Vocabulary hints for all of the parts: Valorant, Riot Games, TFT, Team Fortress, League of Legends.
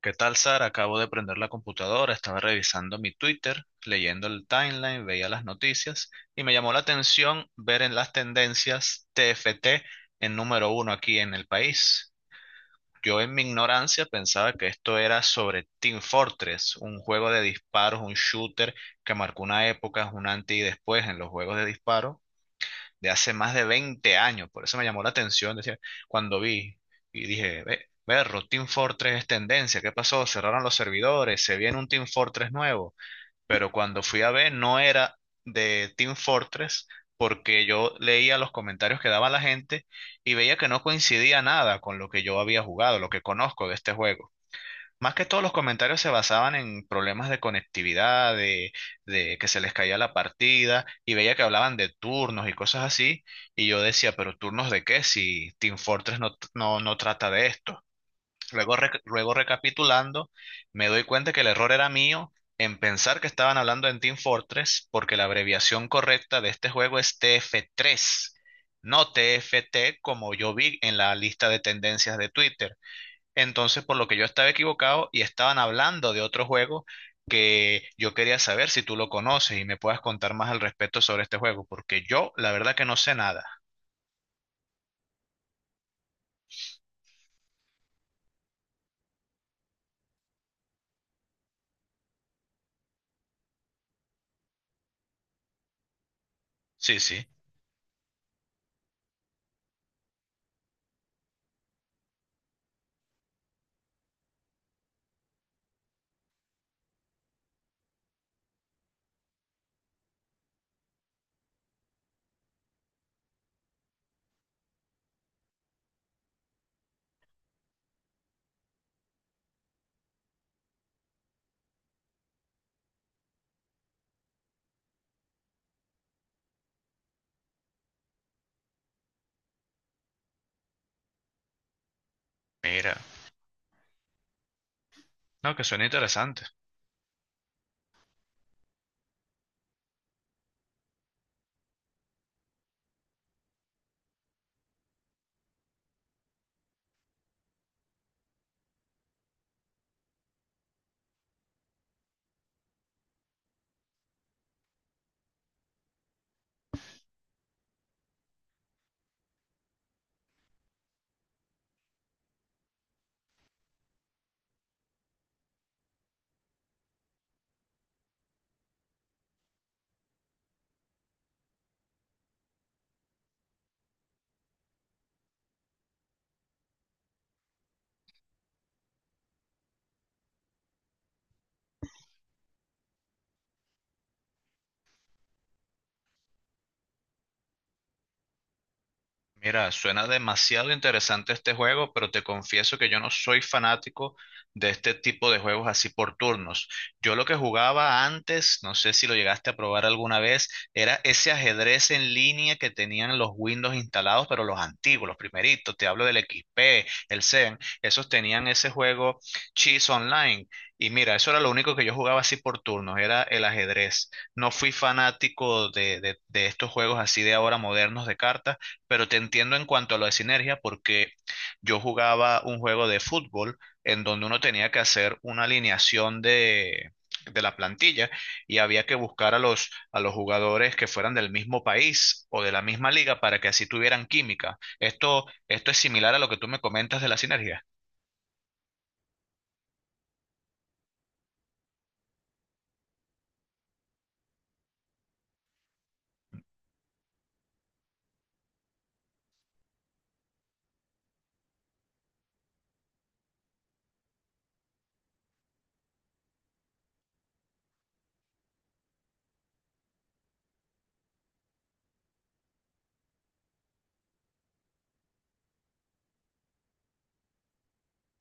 ¿Qué tal, Sara? Acabo de prender la computadora, estaba revisando mi Twitter, leyendo el timeline, veía las noticias y me llamó la atención ver en las tendencias TFT en número uno aquí en el país. Yo en mi ignorancia pensaba que esto era sobre Team Fortress, un juego de disparos, un shooter que marcó una época, un antes y después en los juegos de disparo de hace más de 20 años. Por eso me llamó la atención decía, cuando vi y dije, ve, berro, Team Fortress es tendencia. ¿Qué pasó? Cerraron los servidores, se viene un Team Fortress nuevo. Pero cuando fui a ver, no era de Team Fortress porque yo leía los comentarios que daba la gente y veía que no coincidía nada con lo que yo había jugado, lo que conozco de este juego. Más que todos los comentarios se basaban en problemas de conectividad, de que se les caía la partida, y veía que hablaban de turnos y cosas así, y yo decía, pero turnos de qué si Team Fortress no, no, no trata de esto. Luego, luego recapitulando, me doy cuenta que el error era mío en pensar que estaban hablando en Team Fortress, porque la abreviación correcta de este juego es TF3, no TFT como yo vi en la lista de tendencias de Twitter. Entonces, por lo que yo estaba equivocado y estaban hablando de otro juego que yo quería saber si tú lo conoces y me puedas contar más al respecto sobre este juego, porque yo la verdad que no sé nada. Sí, sí, mira, no, que suena interesante. Mira, suena demasiado interesante este juego, pero te confieso que yo no soy fanático de este tipo de juegos así por turnos. Yo lo que jugaba antes, no sé si lo llegaste a probar alguna vez, era ese ajedrez en línea que tenían los Windows instalados, pero los antiguos, los primeritos, te hablo del XP, el CEN, esos tenían ese juego Chess Online. Y mira, eso era lo único que yo jugaba así por turnos, era el ajedrez. No fui fanático de, de estos juegos así de ahora modernos de cartas, pero te entiendo en cuanto a lo de sinergia, porque yo jugaba un juego de fútbol en donde uno tenía que hacer una alineación de la plantilla y había que buscar a los jugadores que fueran del mismo país o de la misma liga para que así tuvieran química. Esto es similar a lo que tú me comentas de la sinergia.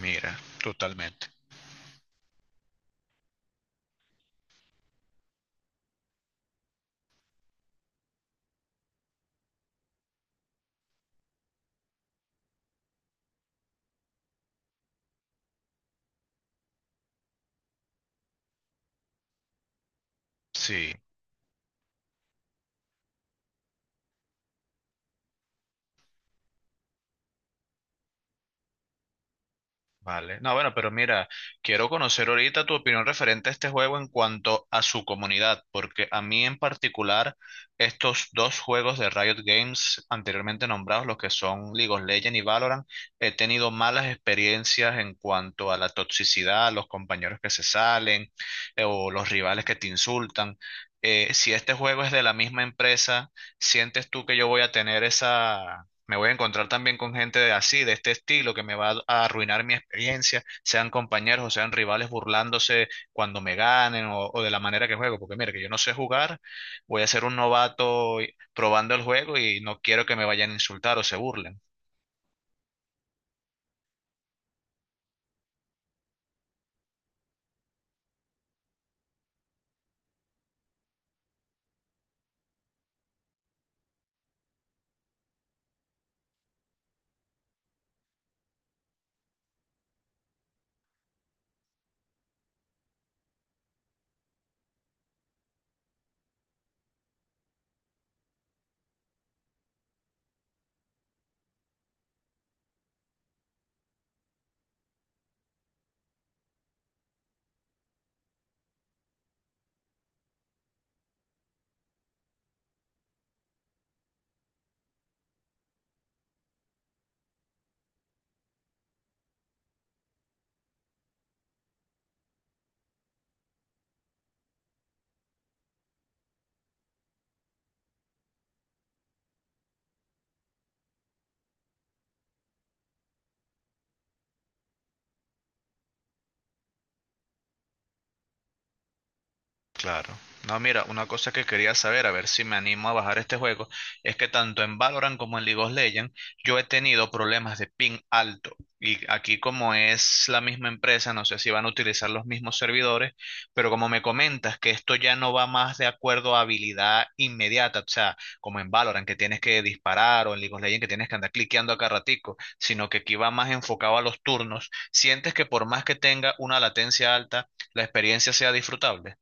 Mira, totalmente. Sí. Vale. No, bueno, pero mira, quiero conocer ahorita tu opinión referente a este juego en cuanto a su comunidad, porque a mí en particular, estos dos juegos de Riot Games anteriormente nombrados, los que son League of Legends y Valorant, he tenido malas experiencias en cuanto a la toxicidad, los compañeros que se salen, o los rivales que te insultan. Si este juego es de la misma empresa, ¿sientes tú que yo voy a tener esa... Me voy a encontrar también con gente de así, de este estilo, que me va a arruinar mi experiencia, sean compañeros o sean rivales burlándose cuando me ganen o de la manera que juego, porque mira, que yo no sé jugar, voy a ser un novato probando el juego y no quiero que me vayan a insultar o se burlen. Claro. No, mira, una cosa que quería saber, a ver si me animo a bajar este juego, es que tanto en Valorant como en League of Legends yo he tenido problemas de ping alto. Y aquí como es la misma empresa, no sé si van a utilizar los mismos servidores, pero como me comentas que esto ya no va más de acuerdo a habilidad inmediata, o sea, como en Valorant que tienes que disparar o en League of Legends que tienes que andar cliqueando acá ratico, sino que aquí va más enfocado a los turnos, ¿sientes que por más que tenga una latencia alta, la experiencia sea disfrutable?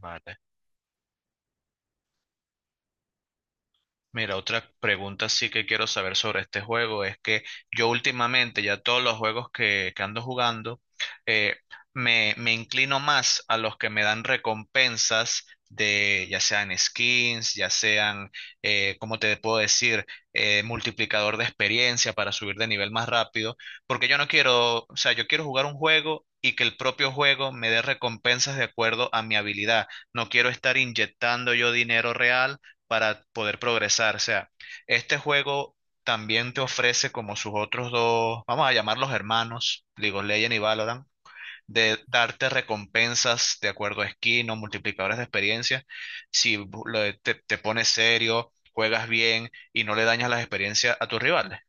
Vale. Mira, otra pregunta sí que quiero saber sobre este juego es que yo últimamente ya todos los juegos que ando jugando, eh, me, me inclino más a los que me dan recompensas de ya sean skins, ya sean, ¿cómo te puedo decir? Multiplicador de experiencia para subir de nivel más rápido, porque yo no quiero, o sea, yo quiero jugar un juego y que el propio juego me dé recompensas de acuerdo a mi habilidad. No quiero estar inyectando yo dinero real para poder progresar. O sea, este juego también te ofrece como sus otros dos, vamos a llamarlos hermanos, League of Legends y Valorant, de darte recompensas de acuerdo a skin o multiplicadores de experiencia. Si te pones serio, juegas bien y no le dañas las experiencias a tus rivales.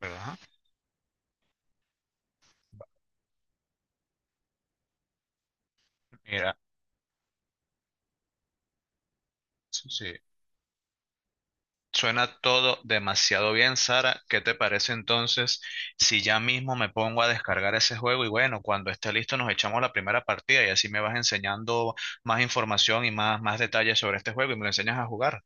¿Verdad? Mira, sí. Sí. Suena todo demasiado bien, Sara. ¿Qué te parece entonces si ya mismo me pongo a descargar ese juego y bueno, cuando esté listo nos echamos la primera partida y así me vas enseñando más información y más detalles sobre este juego y me lo enseñas a jugar?